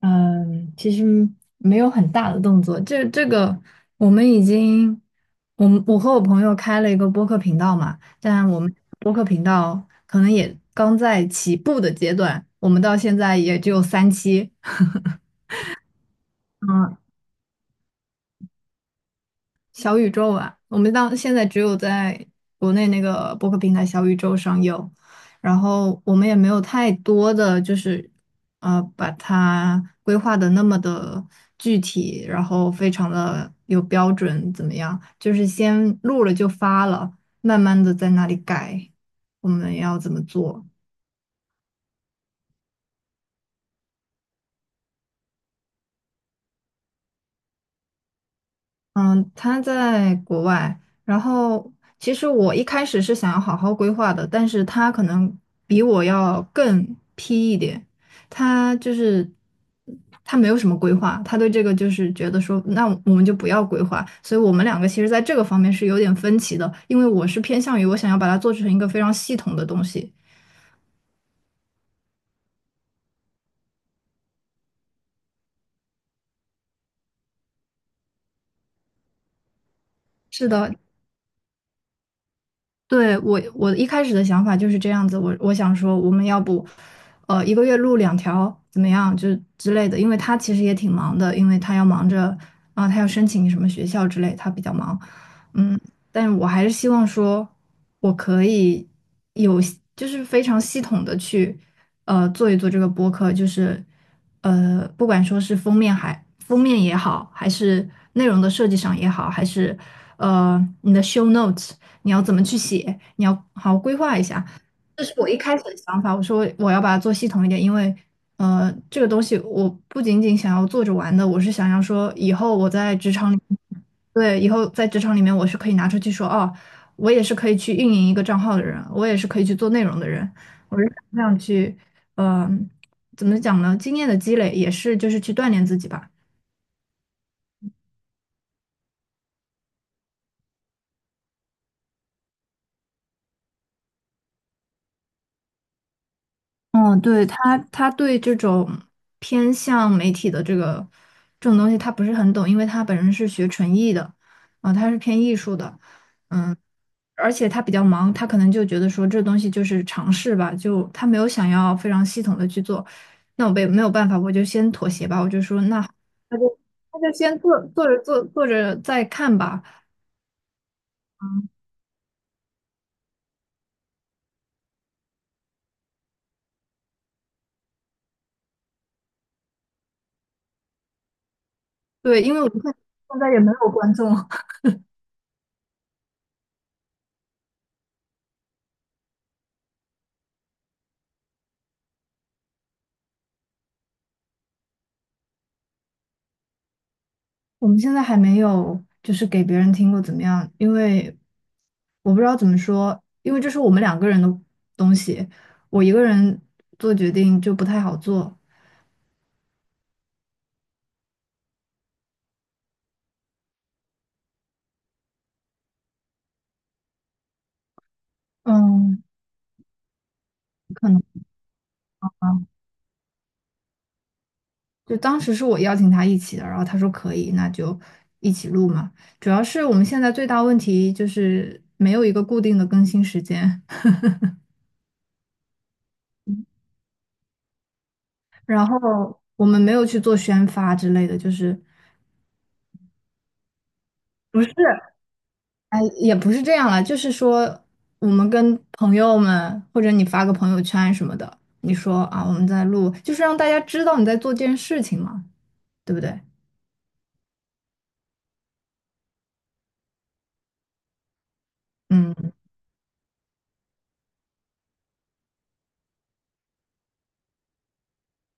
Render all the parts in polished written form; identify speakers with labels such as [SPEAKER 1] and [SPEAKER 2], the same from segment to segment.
[SPEAKER 1] 嗯，其实没有很大的动作，这个我们已经，我和我朋友开了一个播客频道嘛，但我们播客频道可能也刚在起步的阶段，我们到现在也只有三期。嗯，小宇宙啊，我们当现在只有在国内那个播客平台小宇宙上有，然后我们也没有太多的就是把它规划的那么的具体，然后非常的有标准，怎么样？就是先录了就发了，慢慢的在那里改，我们要怎么做？嗯，他在国外，然后其实我一开始是想要好好规划的，但是他可能比我要更 P 一点，他就是他没有什么规划，他对这个就是觉得说，那我们就不要规划，所以我们两个其实在这个方面是有点分歧的，因为我是偏向于我想要把它做成一个非常系统的东西。是的，对，我一开始的想法就是这样子，我想说我们要不，一个月录两条怎么样，就之类的，因为他其实也挺忙的，因为他要忙着啊，他要申请什么学校之类，他比较忙，嗯，但我还是希望说我可以有就是非常系统的去做一做这个播客，就是不管说是封面还封面也好，还是内容的设计上也好，还是呃你的 show notes。你要怎么去写，你要好好规划一下。这是我一开始的想法，我说我要把它做系统一点，因为这个东西我不仅仅想要做着玩的，我是想要说以后我在职场里，对，以后在职场里面我是可以拿出去说，哦，我也是可以去运营一个账号的人，我也是可以去做内容的人，我是想这样去，嗯、怎么讲呢？经验的积累也是就是去锻炼自己吧。嗯，对，他对这种偏向媒体的这个这种东西，他不是很懂，因为他本人是学纯艺的，啊、他是偏艺术的，嗯，而且他比较忙，他可能就觉得说这东西就是尝试吧，就他没有想要非常系统的去做，那我被没有办法，我就先妥协吧，我就说那那就那就先做做着再看吧，对，因为我们看现在也没有观众。我们现在还没有就是给别人听过怎么样，因为我不知道怎么说，因为这是我们两个人的东西，我一个人做决定就不太好做。嗯，可能啊，就当时是我邀请他一起的，然后他说可以，那就一起录嘛。主要是我们现在最大问题就是没有一个固定的更新时间，然后我们没有去做宣发之类的，就是不是。哎，也不是这样了，就是说，我们跟朋友们，或者你发个朋友圈什么的，你说啊，我们在录，就是让大家知道你在做这件事情嘛，对不对？嗯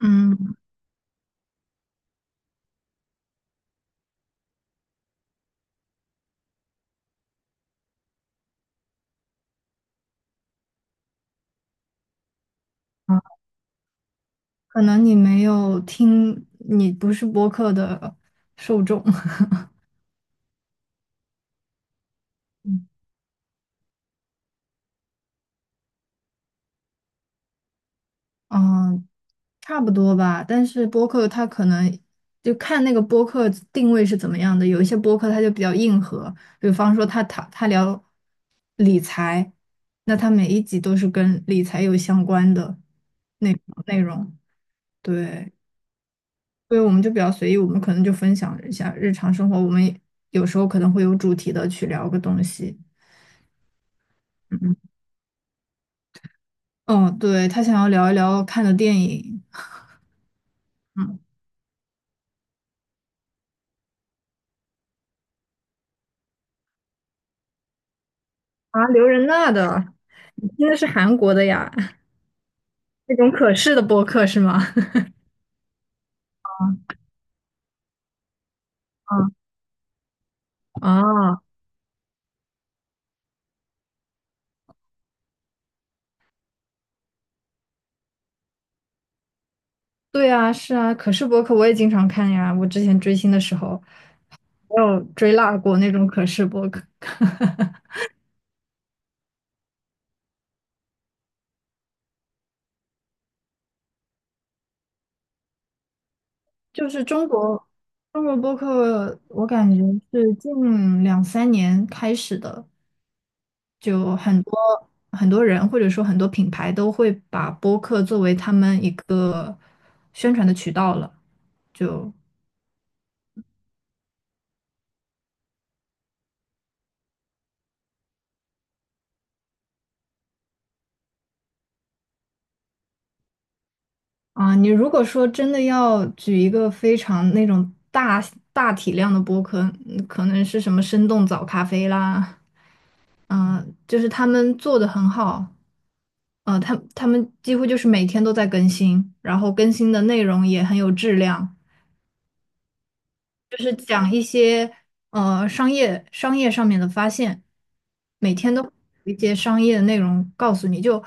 [SPEAKER 1] 嗯，啊可能你没有听，你不是播客的受众。嗯，差不多吧，但是播客它可能就看那个播客定位是怎么样的。有一些播客它就比较硬核，比方说他他聊理财，那他每一集都是跟理财有相关的内容。对，所以我们就比较随意，我们可能就分享一下日常生活，我们也有时候可能会有主题的去聊个东西。嗯，哦，对，他想要聊一聊看的电影。嗯，啊，刘仁娜的，你听的是韩国的呀，那种可视的播客是吗？啊，啊，对啊，是啊，可视博客我也经常看呀。我之前追星的时候，我有追辣过那种可视博客。就是中国博客，我感觉是近两三年开始的，就很多人或者说很多品牌都会把播客作为他们一个宣传的渠道了。就啊，你如果说真的要举一个非常那种大体量的播客，嗯可能是什么生动早咖啡啦，就是他们做的很好，他他们几乎就是每天都在更新，然后更新的内容也很有质量，就是讲一些商业上面的发现，每天都会有一些商业的内容告诉你，就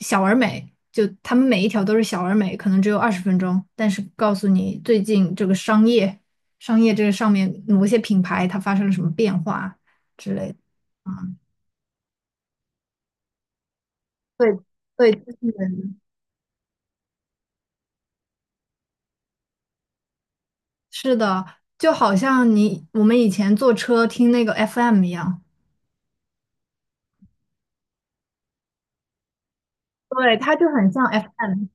[SPEAKER 1] 小而美，就他们每一条都是小而美，可能只有二十分钟，但是告诉你最近这个商业这个上面某些品牌它发生了什么变化之类的。嗯，对对，就是是的，就好像你我们以前坐车听那个 FM 一样，对，它就很像 FM。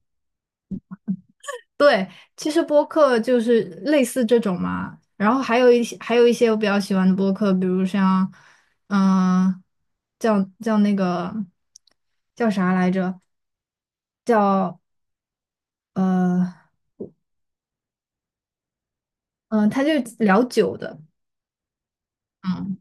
[SPEAKER 1] 对，其实播客就是类似这种嘛，然后还有一些还有一些我比较喜欢的播客，比如像，嗯、叫那个叫啥来着？叫呃他就聊酒的，嗯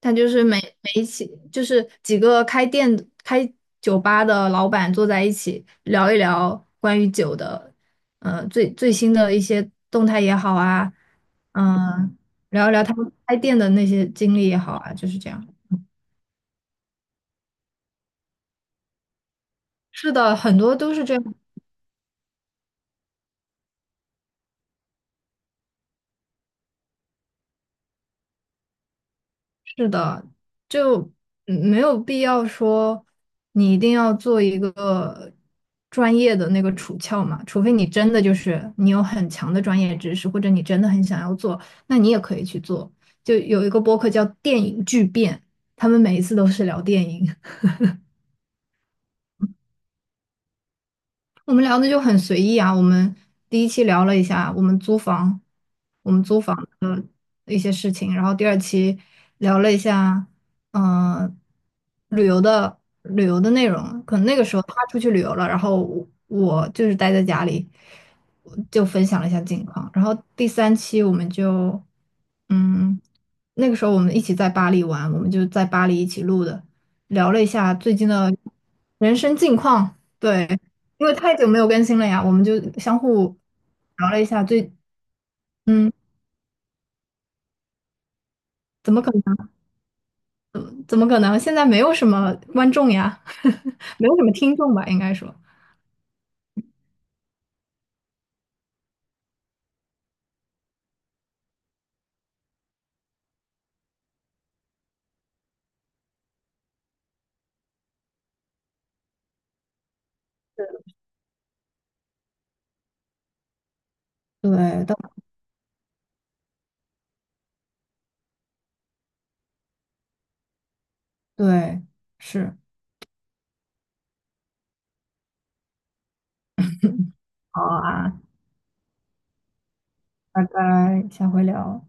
[SPEAKER 1] 他就是每每一起，就是几个开酒吧的老板坐在一起聊一聊关于酒的，最新的一些动态也好啊，嗯、聊一聊他们开店的那些经历也好啊，就是这样。是的，很多都是这样。是的，就没有必要说你一定要做一个专业的那个处翘嘛，除非你真的就是你有很强的专业知识，或者你真的很想要做，那你也可以去做。就有一个播客叫《电影巨变》，他们每一次都是聊电影，我们聊的就很随意啊。我们第一期聊了一下我们租房。一些事情，然后第二期聊了一下，嗯、呃旅游的内容。可能那个时候他出去旅游了，然后我就是待在家里，我就分享了一下近况。然后第三期我们就，嗯，那个时候我们一起在巴黎玩，我们就在巴黎一起录的，聊了一下最近的人生近况。对，因为太久没有更新了呀，我们就相互聊了一下最，嗯，怎么可能？怎么可能？现在没有什么观众呀，没有什么听众吧，应该说。对，到对，是，好啊，拜拜，下回聊。